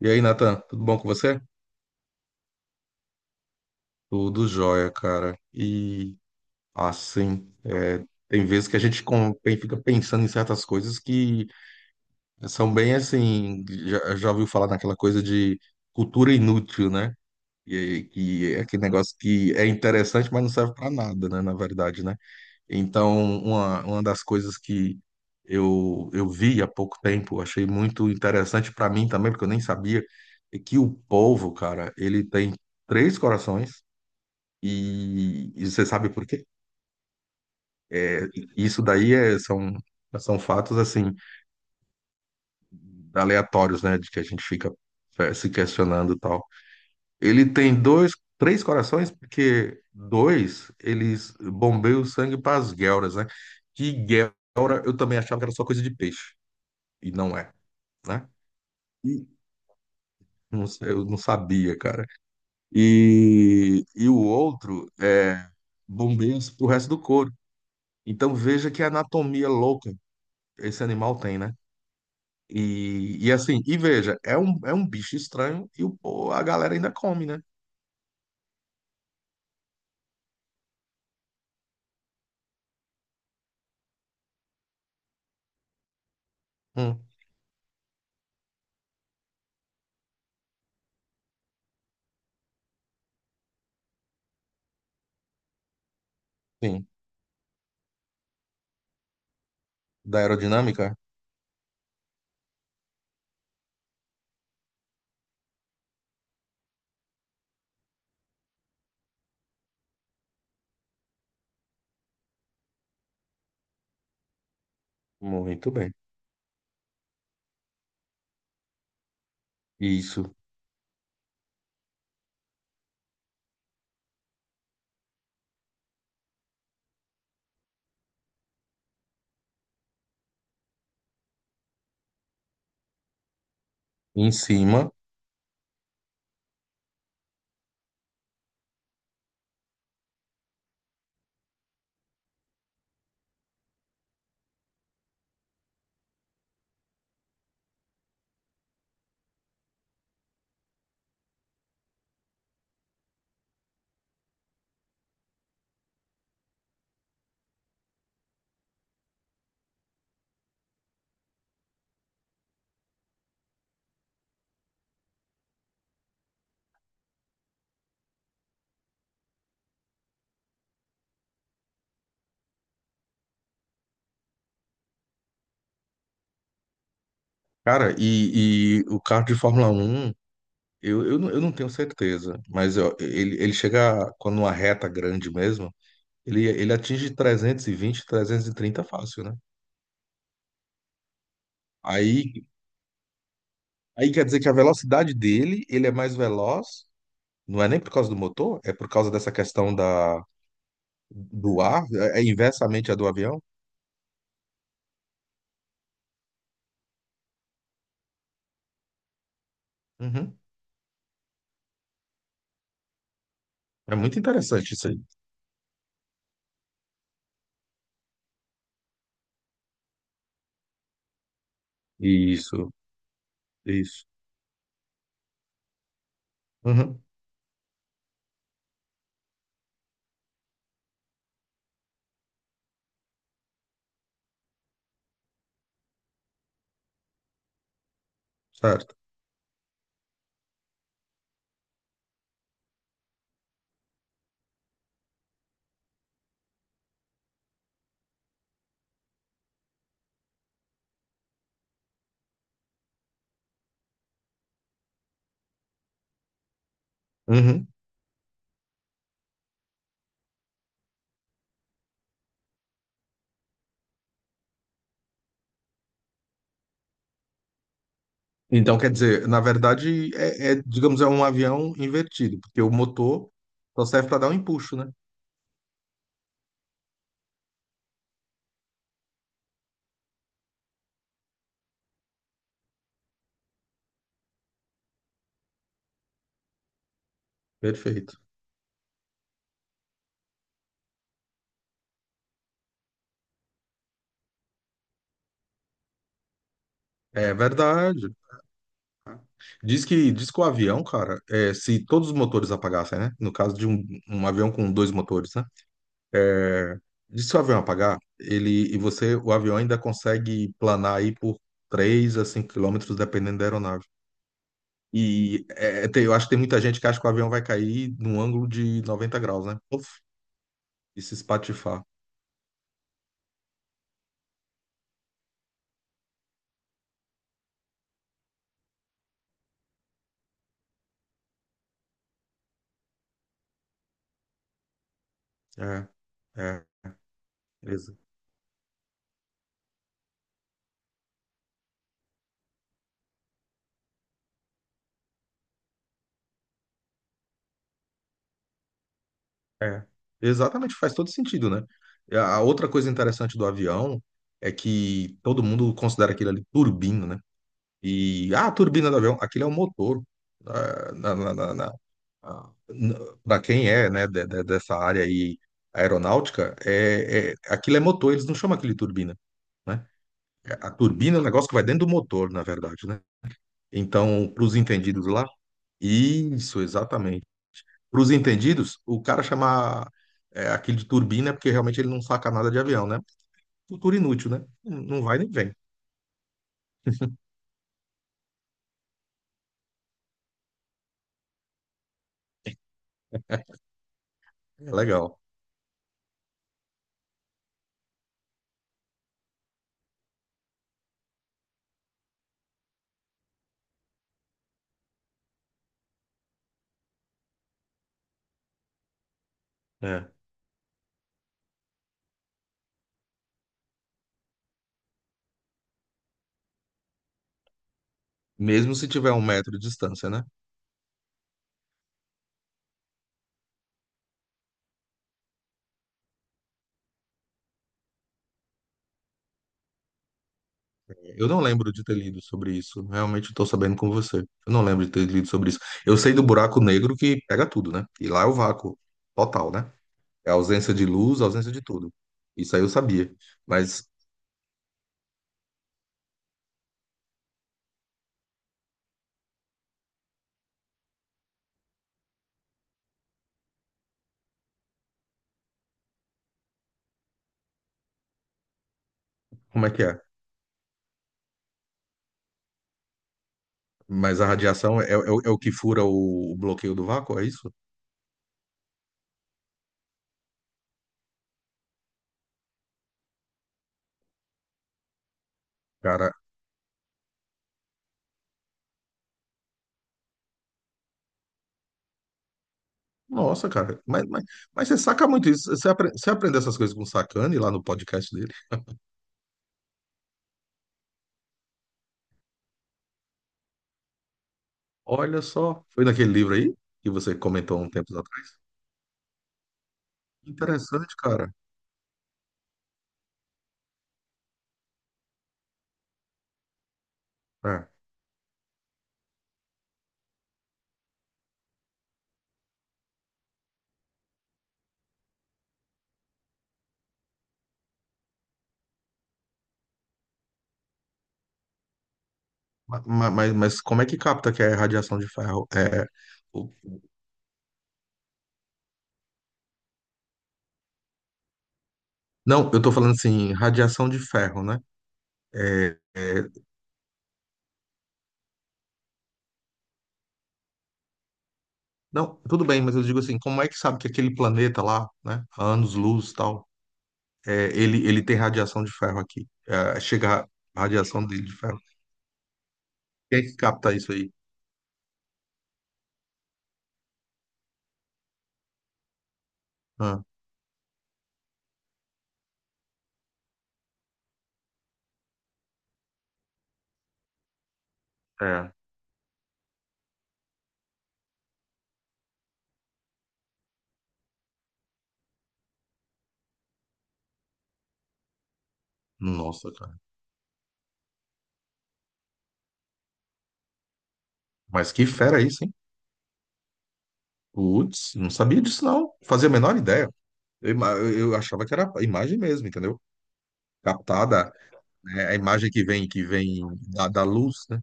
E aí, Nathan, tudo bom com você? Tudo jóia, cara. E assim, tem vezes que a gente fica pensando em certas coisas que são bem assim. Já ouviu falar naquela coisa de cultura inútil, né? E aí, que é aquele negócio que é interessante, mas não serve para nada, né? Na verdade, né? Então, uma das coisas que eu vi há pouco tempo, achei muito interessante para mim também, porque eu nem sabia, é que o povo, cara, ele tem três corações. E você sabe por quê? É, isso daí são fatos assim aleatórios, né? De que a gente fica se questionando e tal. Ele tem dois, três corações, porque dois eles bombeiam o sangue para as guelras, né? Que guelra eu também achava que era só coisa de peixe, e não é, né? E não sei, eu não sabia, cara. E o outro é bombeia pro resto do corpo. Então veja que anatomia louca esse animal tem, né? E assim, e veja, é um bicho estranho e a galera ainda come, né? Hum, sim. Da aerodinâmica? Muito bem. Isso. Em cima. Cara, e o carro de Fórmula 1, eu não tenho certeza, mas ó, ele chega, quando uma reta grande mesmo, ele atinge 300, 320, 330 fácil, né? Aí, aí quer dizer que a velocidade dele, ele é mais veloz, não é nem por causa do motor, é por causa dessa questão da. Do ar? É é inversamente a do avião? Uhum. É muito interessante isso aí. Isso, isso. Uhum. Certo. Uhum. Então, quer dizer, na verdade, digamos, é um avião invertido, porque o motor só serve para dar um empuxo, né? Perfeito. É verdade. Diz que o avião, cara, é, se todos os motores apagassem, né? No caso de um avião com dois motores, né? É, diz que se o avião apagar, ele e você, o avião ainda consegue planar aí por 3 a 5 quilômetros, dependendo da aeronave. E eu acho que tem muita gente que acha que o avião vai cair num ângulo de 90 graus, né? Uf, e se espatifar. É, é, exa- é. Exatamente, faz todo sentido, né? E a outra coisa interessante do avião é que todo mundo considera aquilo ali turbina, né? E ah, a turbina do avião, aquilo é o motor. Ah, Na, na, na, na- ah, na- pra quem é, né, dessa área aí aeronáutica, aquilo é motor, eles não chamam aquilo de turbina, né? A turbina é um negócio que vai dentro do motor, na verdade, né? Então, para os entendidos lá, isso, exatamente. Para os entendidos, o cara chamar aquilo de turbina é porque realmente ele não saca nada de avião, né? Cultura inútil, né? Não vai nem vem. É legal. É. Mesmo se tiver 1 metro de distância, né? Eu não lembro de ter lido sobre isso. Realmente estou sabendo com você. Eu não lembro de ter lido sobre isso. Eu sei do buraco negro que pega tudo, né? E lá é o vácuo total, né? É a ausência de luz, a ausência de tudo. Isso aí eu sabia. Mas como é que é? Mas a radiação é o que fura o bloqueio do vácuo, é isso? Cara, nossa, cara. Mas você saca muito isso. Você aprendeu essas coisas com o Sacani lá no podcast dele? Olha só. Foi naquele livro aí que você comentou um tempo atrás? Interessante, cara. É. Mas como é que capta que é radiação de ferro? É, o- não, eu tô falando assim, radiação de ferro, né? É, é, não, tudo bem, mas eu digo assim, como é que sabe que aquele planeta lá, né, a anos-luz e tal, é, ele tem radiação de ferro aqui. É, chega a radiação dele de ferro. Quem é que capta isso aí? Ah, é. Nossa, cara. Mas que fera isso, hein? Putz, não sabia disso, não. Fazia a menor ideia. Eu achava que era a imagem mesmo, entendeu? Captada, né? A imagem que vem da luz, né?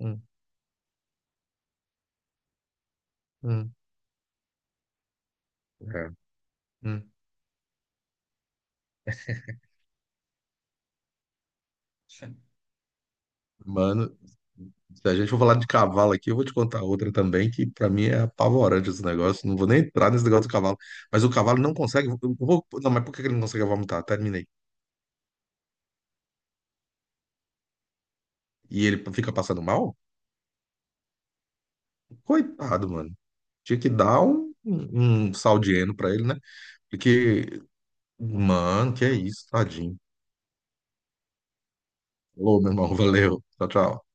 Hum, hum, é, hum. Mano, se a gente for falar de cavalo aqui, eu vou te contar outra também, que pra mim é apavorante esse negócio. Não vou nem entrar nesse negócio do cavalo. Mas o cavalo não consegue. Não, mas por que que ele não consegue vomitar? Terminei. E ele fica passando mal? Coitado, mano. Tinha que dar um sal de heno pra ele, né? Porque, mano, que é isso, tadinho. Falou, meu irmão. Valeu. Tchau, tchau.